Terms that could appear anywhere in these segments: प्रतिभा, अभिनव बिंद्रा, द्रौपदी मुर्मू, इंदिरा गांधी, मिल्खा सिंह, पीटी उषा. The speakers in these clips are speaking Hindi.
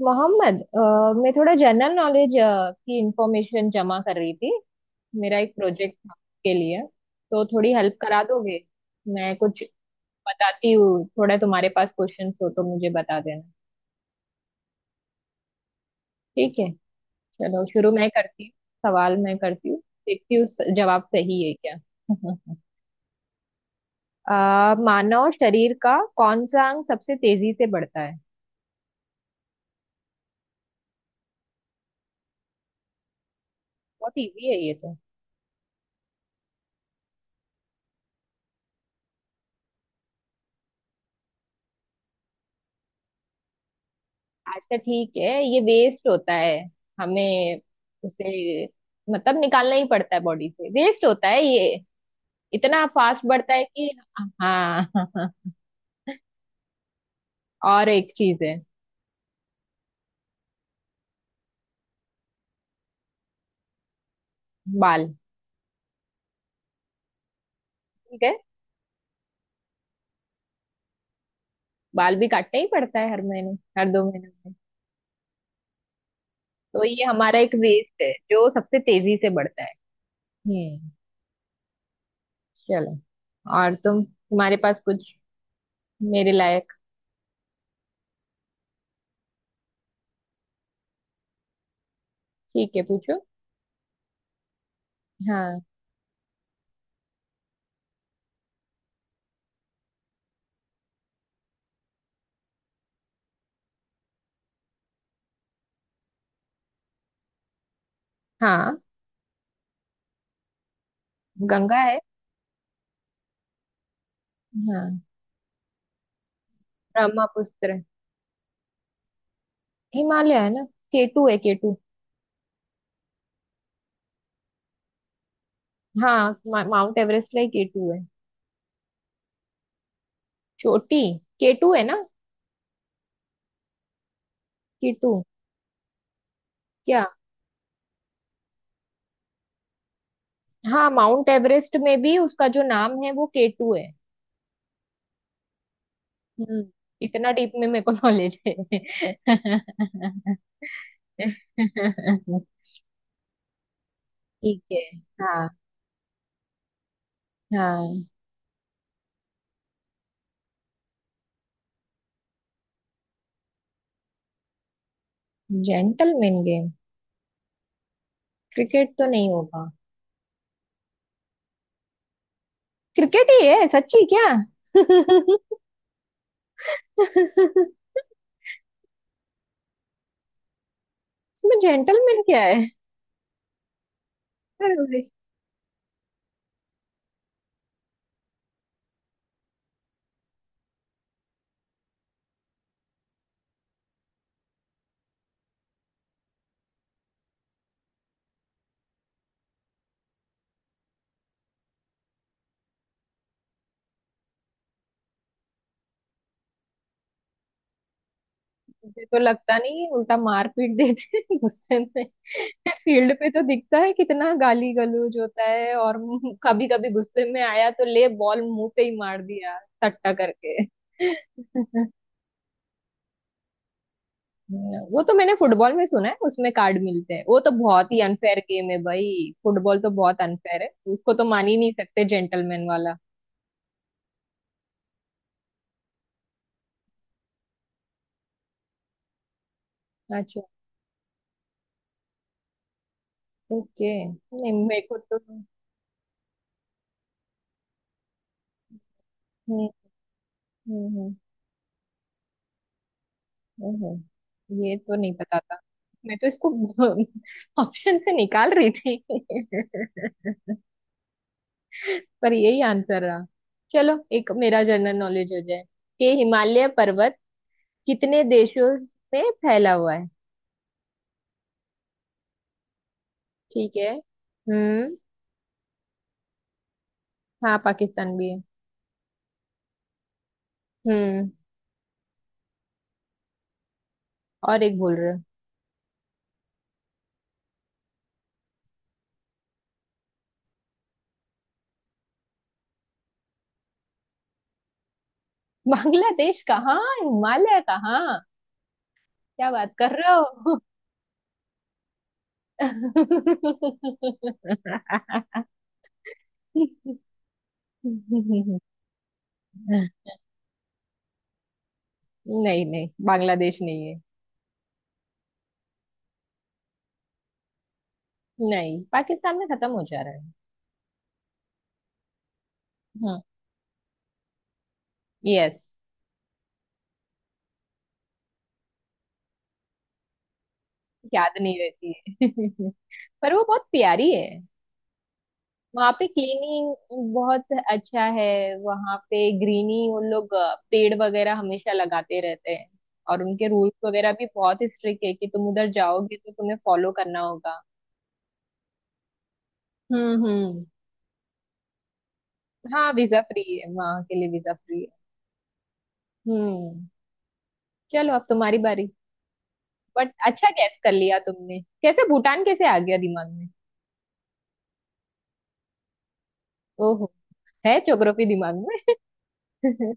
मोहम्मद मैं थोड़ा जनरल नॉलेज की इंफॉर्मेशन जमा कर रही थी। मेरा एक प्रोजेक्ट था के लिए। तो थोड़ी हेल्प करा दोगे? मैं कुछ बताती हूँ, थोड़ा तुम्हारे पास क्वेश्चंस हो तो मुझे बता देना। ठीक है, चलो शुरू मैं करती हूँ। सवाल मैं करती हूँ, देखती हूँ जवाब सही है क्या। मानव शरीर का कौन सा अंग सबसे तेजी से बढ़ता है? बहुत इजी है ये तो। अच्छा ठीक है, ये वेस्ट होता है हमें, उसे मतलब निकालना ही पड़ता है बॉडी से, वेस्ट होता है ये, इतना फास्ट बढ़ता है कि। हाँ। और एक चीज है, बाल। ठीक है, बाल भी काटना ही पड़ता है हर महीने, हर दो महीने में। तो ये हमारा एक वेस्ट है जो सबसे तेजी से बढ़ता है। हम्म। चलो। और तुम्हारे पास कुछ मेरे लायक? ठीक है, पूछो। हाँ हाँ। गंगा है। हाँ। ब्रह्मपुत्र। हिमालय है ना। केटू है, केटू। माउंट एवरेस्ट का ही केटू है। चोटी। केटू है ना। केटू। क्या। हाँ, माउंट एवरेस्ट में भी उसका जो नाम है वो केटू है। हम्म, इतना डीप में मेरे को नॉलेज है। ठीक है। हाँ। हाँ। Gentleman game? क्रिकेट तो नहीं होगा। क्रिकेट ही है सच्ची क्या? इसमें जेंटलमैन क्या है? मुझे तो लगता नहीं, उल्टा मारपीट देते हैं गुस्से में। फील्ड पे तो दिखता है कितना गाली गलौज होता है। और कभी कभी गुस्से में आया तो ले, बॉल मुंह पे ही मार दिया सट्टा करके। वो तो मैंने फुटबॉल में सुना है, उसमें कार्ड मिलते हैं। वो तो बहुत ही अनफेयर गेम है भाई, फुटबॉल तो बहुत अनफेयर है, उसको तो मान ही नहीं सकते जेंटलमैन वाला। अच्छा। ओके, नहीं मेरे को तो। हम्म हम्म हम्म। ओहो, ये तो नहीं पता था। मैं तो इसको ऑप्शन से निकाल रही थी पर यही आंसर रहा। चलो, एक मेरा जनरल नॉलेज हो जाए, कि हिमालय पर्वत कितने देशों में फैला हुआ है? ठीक है। हम्म। हाँ, पाकिस्तान भी है। हम्म। और एक बोल रहे हो? बांग्लादेश कहाँ, हिमालय कहाँ, क्या बात कर रहे हो? नहीं नहीं, बांग्लादेश नहीं है। नहीं, पाकिस्तान में खत्म हो जा रहा है। हम्म। यस। याद नहीं रहती है। पर वो बहुत प्यारी है। वहाँ पे क्लीनिंग बहुत अच्छा है, वहाँ पे ग्रीनी उन लोग पेड़ वगैरह हमेशा लगाते रहते हैं। और उनके रूल्स वगैरह भी बहुत स्ट्रिक्ट है कि तुम उधर जाओगे तो तुम्हें फॉलो करना होगा। हम्म। हाँ, वीजा फ्री है वहाँ के लिए, वीजा फ्री है। हम्म। चलो, अब तुम्हारी बारी। बट अच्छा, गैस कर लिया तुमने कैसे, भूटान कैसे आ गया दिमाग? ओहो, है ज्योग्राफी दिमाग में।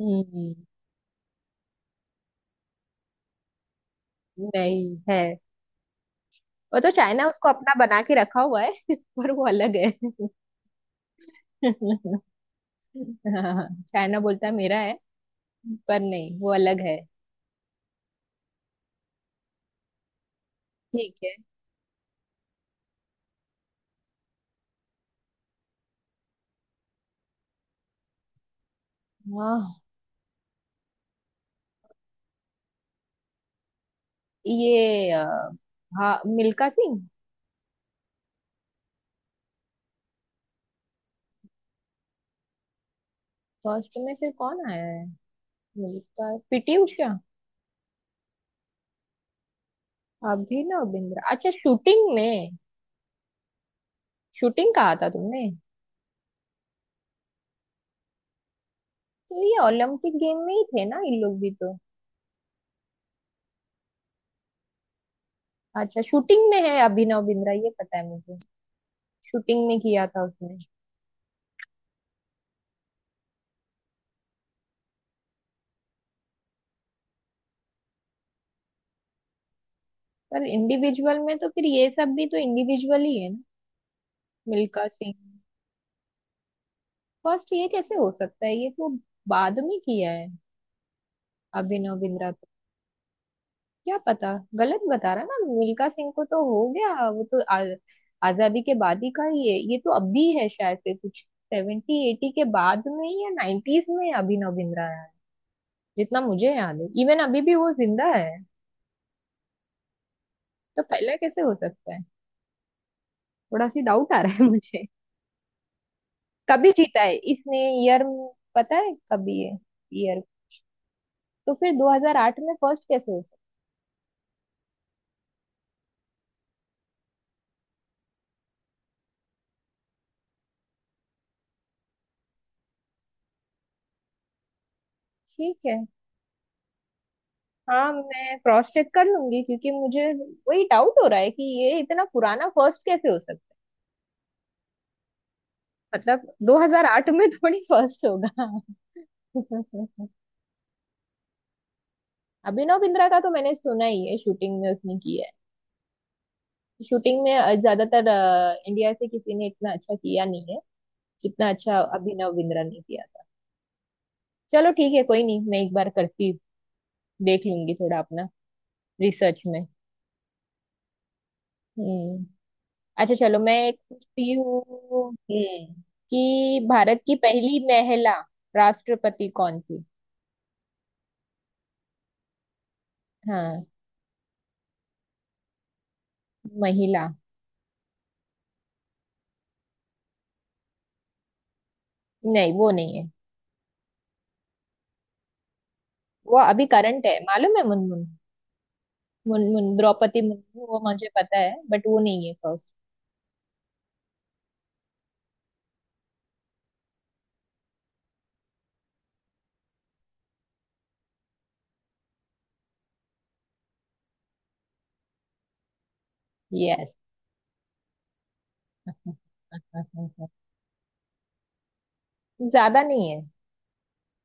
हम्म। नहीं है, वो तो चाइना उसको अपना बना के रखा हुआ है पर वो अलग है। हाँ, चाइना बोलता है मेरा है, पर नहीं वो अलग है। ठीक है। हाँ। ये अ, हाँ, मिल्खा सिंह। फर्स्ट में फिर कौन आया है, मिल्खा, पीटी उषा? अभिनव बिंद्रा, अच्छा शूटिंग में। शूटिंग कहा था तुमने? तो ये ओलंपिक गेम में ही थे ना, इन लोग भी तो। अच्छा, शूटिंग में है अभिनव बिंद्रा, ये पता है। शूटिंग में किया था उसने। पर इंडिविजुअल में तो फिर ये सब भी तो इंडिविजुअल ही है ना। मिल्खा सिंह। फर्स्ट ये कैसे हो सकता है, ये तो बाद में किया है अभिनव बिंद्रा तो। क्या पता, गलत बता रहा ना। मिल्खा सिंह को तो हो गया, वो तो आजादी के बाद ही का ही है। ये तो अब भी है शायद से कुछ। सेवेंटी एटी के बाद में ही या नाइन्टीज में अभिनव बिंद्रा आया है जितना मुझे याद है। इवन अभी भी वो जिंदा है। तो पहले कैसे हो सकता है? थोड़ा सी डाउट आ रहा है मुझे। कभी जीता है इसने? ईयर पता है कभी है? ईयर? तो फिर 2008 में फर्स्ट कैसे हो सकता? ठीक है। हाँ, मैं क्रॉस चेक कर लूंगी, क्योंकि मुझे वही डाउट हो रहा है कि ये इतना पुराना फर्स्ट कैसे हो सकता है। मतलब 2008 में थोड़ी फर्स्ट होगा। अभिनव बिंद्रा का तो मैंने सुना ही है, शूटिंग में उसने किया है। शूटिंग में ज्यादातर इंडिया से किसी ने इतना अच्छा किया नहीं है जितना अच्छा अभिनव बिंद्रा ने किया था। चलो ठीक है, कोई नहीं, मैं एक बार करती हूँ। देख लूंगी थोड़ा अपना रिसर्च में। हम्म। अच्छा चलो, मैं एक पूछती हूँ। हम्म। कि भारत की पहली महिला राष्ट्रपति कौन थी? हाँ, महिला। नहीं, वो नहीं है, वो अभी करंट है, मालूम है, मुनमुन। मुनमुन, द्रौपदी मुर्मू, वो मुझे पता है, बट वो नहीं है फर्स्ट। यस। ज्यादा नहीं है,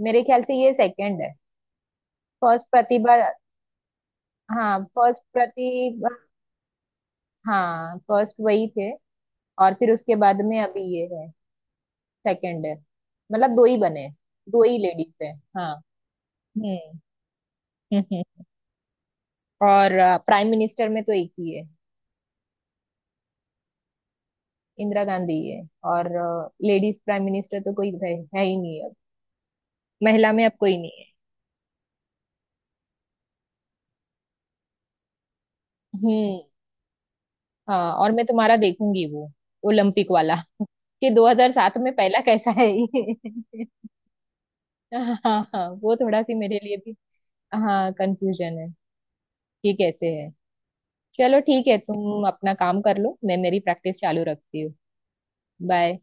मेरे ख्याल से ये सेकंड है। फर्स्ट प्रतिभा। हाँ, फर्स्ट प्रतिभा। हाँ, फर्स्ट वही थे। और फिर उसके बाद में अभी ये है। सेकंड है, मतलब दो ही बने हैं, दो ही लेडीज है। हाँ। हम्म हम्म। और प्राइम मिनिस्टर में तो एक ही है। इंदिरा गांधी है। और लेडीज प्राइम मिनिस्टर तो कोई है ही नहीं अब, महिला में अब कोई नहीं है। हम्म। हाँ, और मैं तुम्हारा देखूंगी वो ओलंपिक वाला, कि 2007 में पहला कैसा है ये। हाँ हाँ, वो थोड़ा सी मेरे लिए भी। हाँ, कंफ्यूजन है कि कैसे है। चलो ठीक है, तुम अपना काम कर लो, मैं मेरी प्रैक्टिस चालू रखती हूँ। बाय।